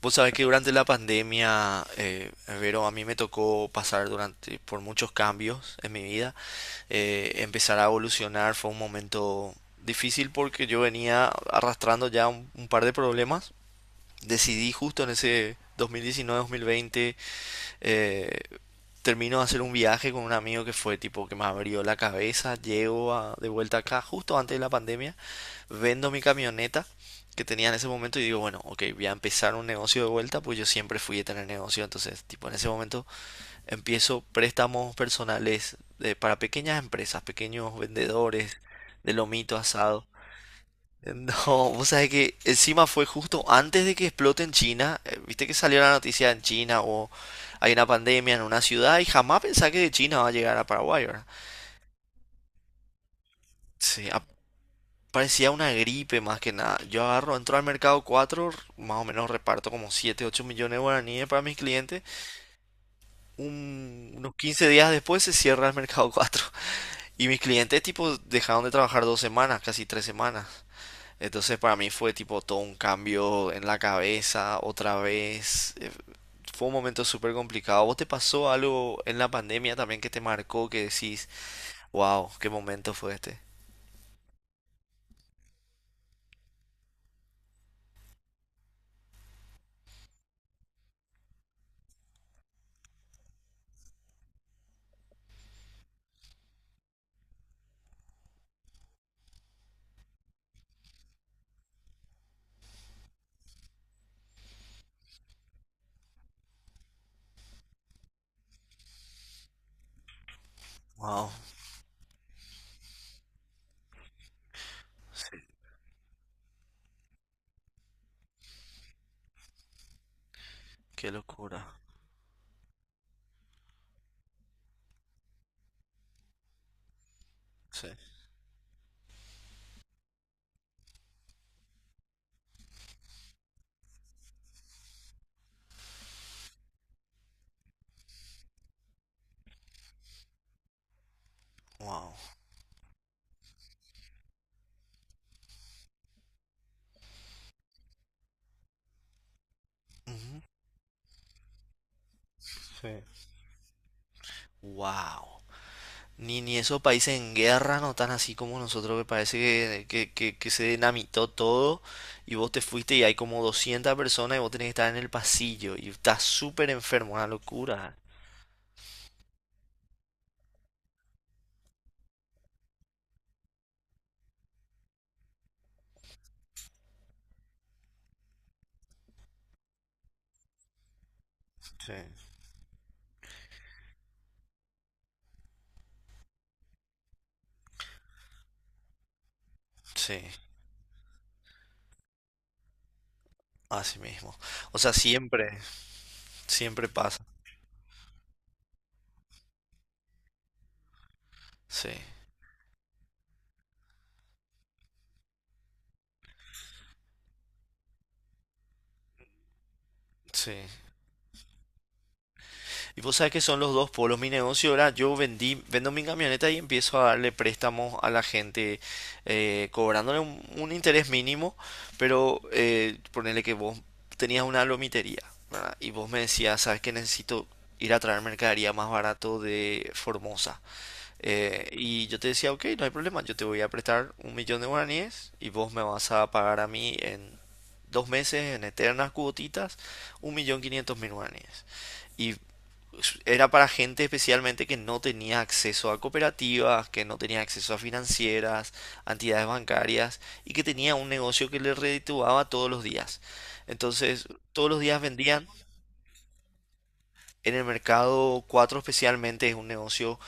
Vos sabés que durante la pandemia, Vero, a mí me tocó pasar durante por muchos cambios en mi vida. Empezar a evolucionar fue un momento difícil porque yo venía arrastrando ya un par de problemas. Decidí justo en ese 2019-2020, eh, termino de hacer un viaje con un amigo que fue tipo que me abrió la cabeza. Llego de vuelta acá justo antes de la pandemia, vendo mi camioneta que tenía en ese momento y digo, bueno, ok, voy a empezar un negocio de vuelta, pues yo siempre fui de tener negocio, entonces, tipo, en ese momento empiezo préstamos personales, para pequeñas empresas, pequeños vendedores de lomito asado. No, vos sabés que encima fue justo antes de que explote en China, viste que salió la noticia en China o hay una pandemia en una ciudad y jamás pensé que de China va a llegar a Paraguay, ¿verdad? Sí, parecía una gripe más que nada. Yo agarro, entro al mercado 4, más o menos reparto como 7 u 8 millones de guaraníes para mis clientes. Unos 15 días después se cierra el mercado cuatro. Y mis clientes tipo dejaron de trabajar 2 semanas, casi 3 semanas. Entonces para mí fue tipo todo un cambio en la cabeza, otra vez. Fue un momento súper complicado. ¿Vos te pasó algo en la pandemia también que te marcó que decís, wow, qué momento fue este? Wow, qué locura. Sí. Wow. Ujú. Sí. Wow. Ni esos países en guerra no tan así como nosotros, que parece que se dinamitó todo y vos te fuiste y hay como 200 personas y vos tenés que estar en el pasillo y estás súper enfermo, una locura. Sí, sí, así mismo. O sea, siempre, siempre pasa. Sí, sí. Y vos sabés que son los dos polos. Mi negocio ahora, yo vendí, vendo mi camioneta y empiezo a darle préstamos a la gente, cobrándole un interés mínimo, pero ponele que vos tenías una lomitería, ¿verdad? Y vos me decías, sabes que necesito ir a traer mercadería más barato de Formosa. Y yo te decía, ok, no hay problema, yo te voy a prestar un millón de guaraníes y vos me vas a pagar a mí en 2 meses, en eternas cuotitas, 1.500.000 guaraníes. Y era para gente especialmente que no tenía acceso a cooperativas, que no tenía acceso a financieras, a entidades bancarias y que tenía un negocio que le redituaba todos los días. Entonces, todos los días vendían en el mercado 4 especialmente. Es un negocio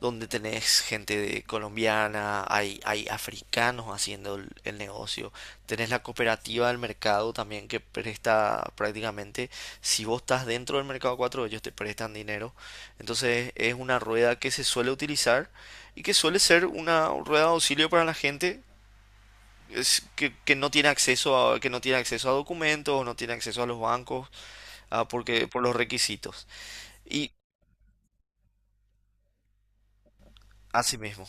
donde tenés gente de colombiana, hay africanos haciendo el negocio, tenés la cooperativa del mercado también que presta prácticamente, si vos estás dentro del mercado 4 ellos te prestan dinero, entonces es una rueda que se suele utilizar y que suele ser una rueda de auxilio para la gente es que no tiene acceso a, que no tiene acceso a documentos, no tiene acceso a los bancos, porque por los requisitos. Y así mismo.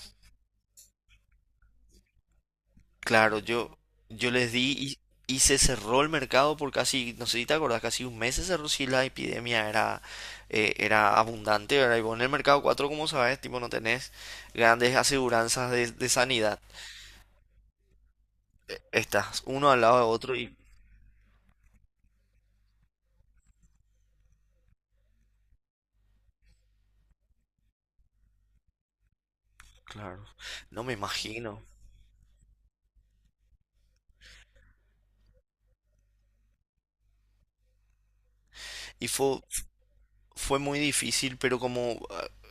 Claro, yo les di y se cerró el mercado por casi, no sé si te acordás, casi un mes se cerró. Si la epidemia era, era abundante, ¿verdad? Y vos en el mercado 4 como sabes, tipo, no tenés grandes aseguranzas de sanidad. Estás uno al lado de otro y, claro, no me imagino. Y fue muy difícil, pero como,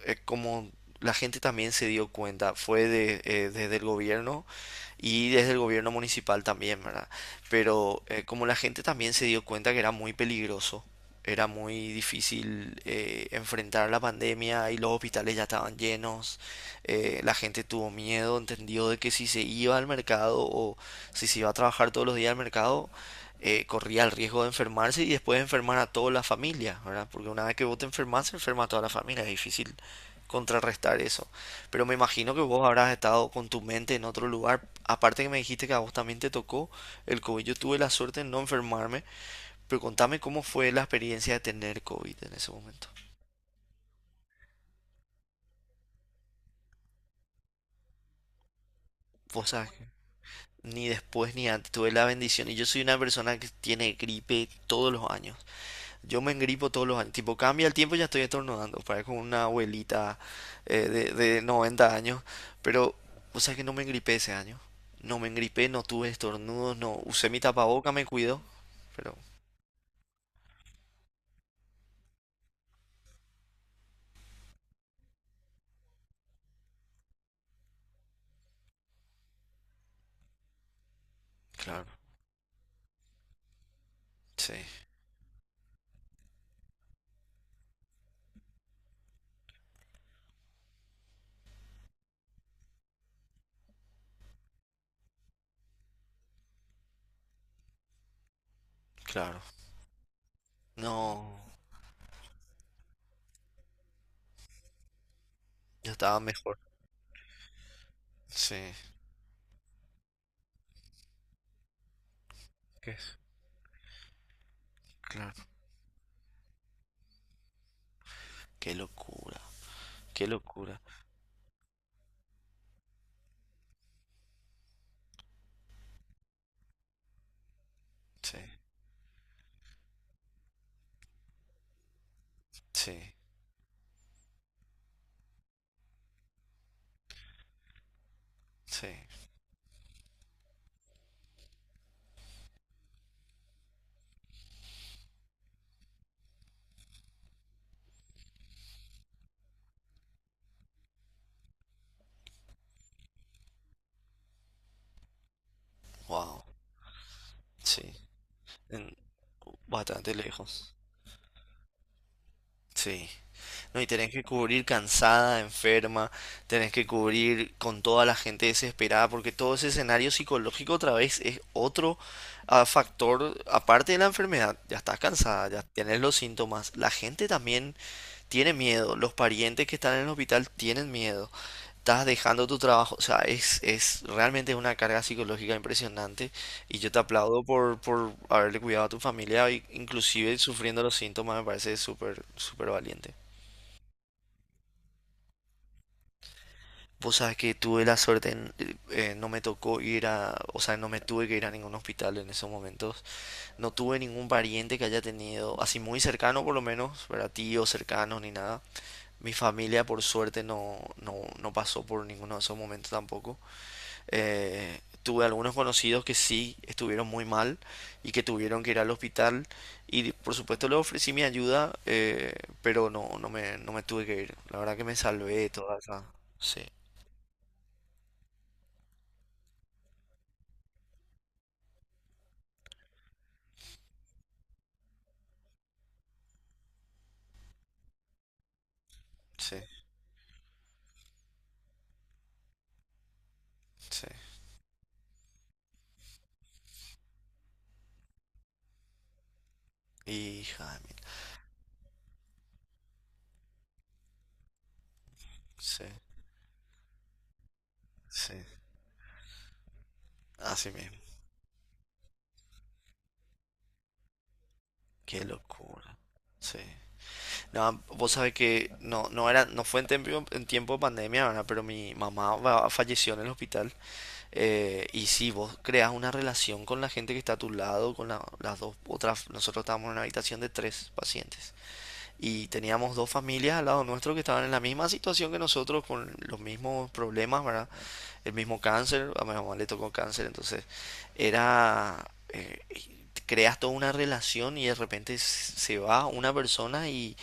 eh, como la gente también se dio cuenta, fue desde el gobierno y desde el gobierno municipal también, ¿verdad? Pero como la gente también se dio cuenta que era muy peligroso, era muy difícil enfrentar la pandemia y los hospitales ya estaban llenos, la gente tuvo miedo, entendió de que si se iba al mercado o si se iba a trabajar todos los días al mercado, corría el riesgo de enfermarse y después de enfermar a toda la familia, ¿verdad? Porque una vez que vos te enfermas, se enferma a toda la familia, es difícil contrarrestar eso. Pero me imagino que vos habrás estado con tu mente en otro lugar. Aparte que me dijiste que a vos también te tocó el COVID. Yo tuve la suerte de no enfermarme, pero contame cómo fue la experiencia de tener COVID en ese momento. Vos sabés que ni después ni antes tuve la bendición y yo soy una persona que tiene gripe todos los años. Yo me engripo todos los años. Tipo, cambia el tiempo y ya estoy estornudando. Parezco una abuelita, de, 90 años. Pero, o sea que no me engripé ese año. No me engripé, no tuve estornudos, no. Usé mi tapaboca, me cuido. Pero, claro, sí, claro. No, yo estaba mejor. Sí, ¿qué es? Claro. Qué locura, qué locura. Sí, sí, sí. Wow, sí. En- bastante lejos. Sí, no, y tenés que cubrir cansada, enferma, tenés que cubrir con toda la gente desesperada, porque todo ese escenario psicológico otra vez es otro, factor, aparte de la enfermedad, ya estás cansada, ya tienes los síntomas, la gente también tiene miedo, los parientes que están en el hospital tienen miedo, estás dejando tu trabajo, o sea, es realmente una carga psicológica impresionante y yo te aplaudo por haberle cuidado a tu familia, y inclusive sufriendo los síntomas, me parece súper, súper valiente. Vos sabés que tuve la suerte, no me tocó ir a, o sea, no me tuve que ir a ningún hospital en esos momentos. No tuve ningún pariente que haya tenido, así muy cercano por lo menos, para tíos cercanos ni nada. Mi familia por suerte no, no, no pasó por ninguno de esos momentos tampoco. Tuve algunos conocidos que sí estuvieron muy mal y que tuvieron que ir al hospital y por supuesto les ofrecí mi ayuda, pero no, no me tuve que ir. La verdad que me salvé de toda esa... Sí, sí, sí. Hija de mí. Sí, sí. Así mismo. Qué locura. Sí. No, vos sabés que no, no era, no fue en tiempo de pandemia, ¿verdad? Pero mi mamá falleció en el hospital. Y si vos creas una relación con la gente que está a tu lado, con las dos otras, nosotros estábamos en una habitación de 3 pacientes. Y teníamos dos familias al lado nuestro que estaban en la misma situación que nosotros, con los mismos problemas, ¿verdad? El mismo cáncer, a mi mamá le tocó cáncer, entonces Era, eh, creas toda una relación y de repente se va una persona y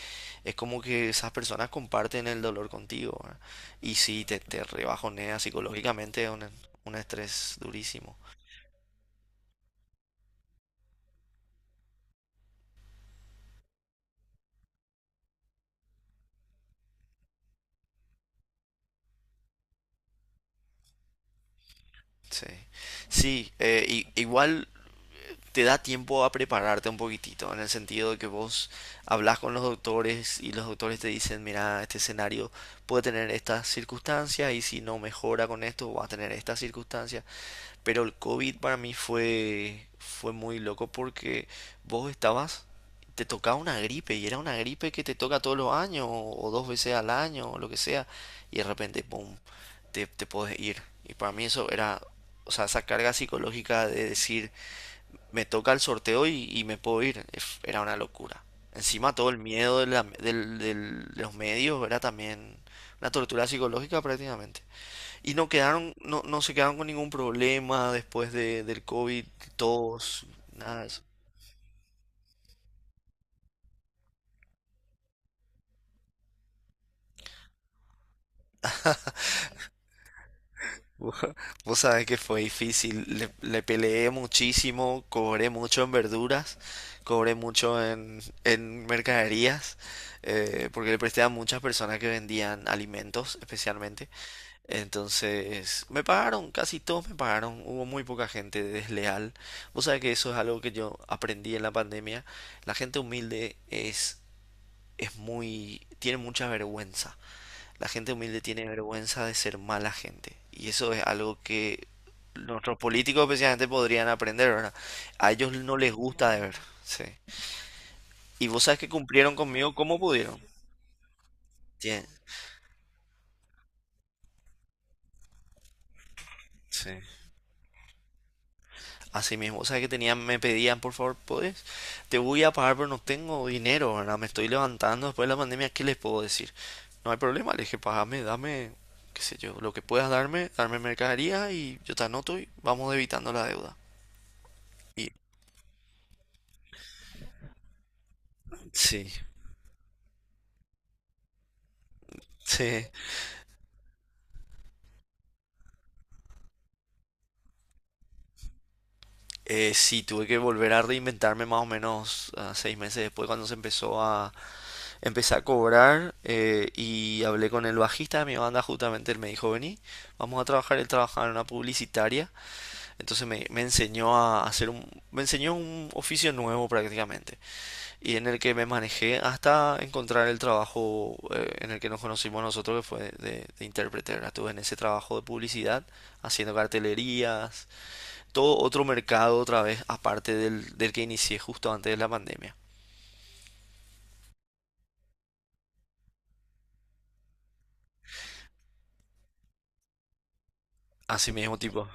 es como que esas personas comparten el dolor contigo, ¿verdad? Y sí, te rebajonea psicológicamente, es un estrés durísimo. Sí, sí, igual te da tiempo a prepararte un poquitito, en el sentido de que vos hablas con los doctores y los doctores te dicen, mira, este escenario puede tener estas circunstancias y si no mejora con esto, va a tener estas circunstancias. Pero el COVID para mí fue, fue muy loco porque vos estabas, te tocaba una gripe y era una gripe que te toca todos los años o 2 veces al año o lo que sea y de repente, ¡pum!, te podés ir. Y para mí eso era, o sea, esa carga psicológica de decir, me toca el sorteo y me puedo ir, es- era una locura. Encima todo el miedo de, la- del- del- de los medios era también una tortura psicológica prácticamente. Y no quedaron, no, no se quedaron con ningún problema después del COVID, todos, nada de eso. Vos vos sabés que fue difícil, le peleé muchísimo, cobré mucho en verduras, cobré mucho en mercaderías, porque le presté a muchas personas que vendían alimentos especialmente. Entonces, me pagaron, casi todos me pagaron, hubo muy poca gente desleal. Vos sabés que eso es algo que yo aprendí en la pandemia, la gente humilde es muy, tiene mucha vergüenza. La gente humilde tiene vergüenza de ser mala gente. Y eso es algo que nuestros políticos especialmente podrían aprender, ¿verdad? A ellos no les gusta de ver. Sí. Y vos sabes que cumplieron conmigo como pudieron. Tien- Sí. Así mismo, o sea que tenían, me pedían, por favor, ¿puedes? Te voy a pagar, pero no tengo dinero, ¿verdad? Me estoy levantando después de la pandemia, ¿qué les puedo decir? No hay problema, le dije, pagame, dame, qué sé yo, lo que puedas darme, darme mercadería y yo te anoto y vamos debitando la deuda. Y sí, sí, sí, tuve que volver a reinventarme más o menos, 6 meses después cuando se empezó a empezar a cobrar, y hablé con el bajista de mi banda justamente, él me dijo, vení, vamos a trabajar, él trabajaba en una publicitaria. Entonces me enseñó a hacer un, me enseñó un oficio nuevo prácticamente y en el que me manejé hasta encontrar el trabajo, en el que nos conocimos nosotros que fue de intérprete, ¿verdad? Estuve en ese trabajo de publicidad haciendo cartelerías, todo otro mercado otra vez aparte del que inicié justo antes de la pandemia. Así mismo, tipo,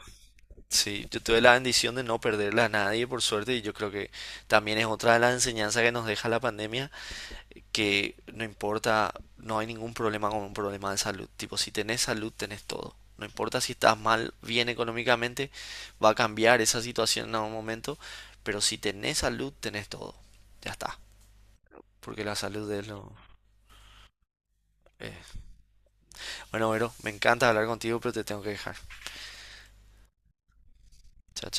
sí, yo tuve la bendición de no perderla a nadie, por suerte, y yo creo que también es otra de las enseñanzas que nos deja la pandemia, que no importa, no hay ningún problema con un problema de salud. Tipo, si tenés salud, tenés todo. No importa si estás mal, bien económicamente, va a cambiar esa situación en algún momento, pero si tenés salud, tenés todo. Ya está, porque la salud es lo... eh. Bueno, Vero, me encanta hablar contigo, pero te tengo que dejar. Chao,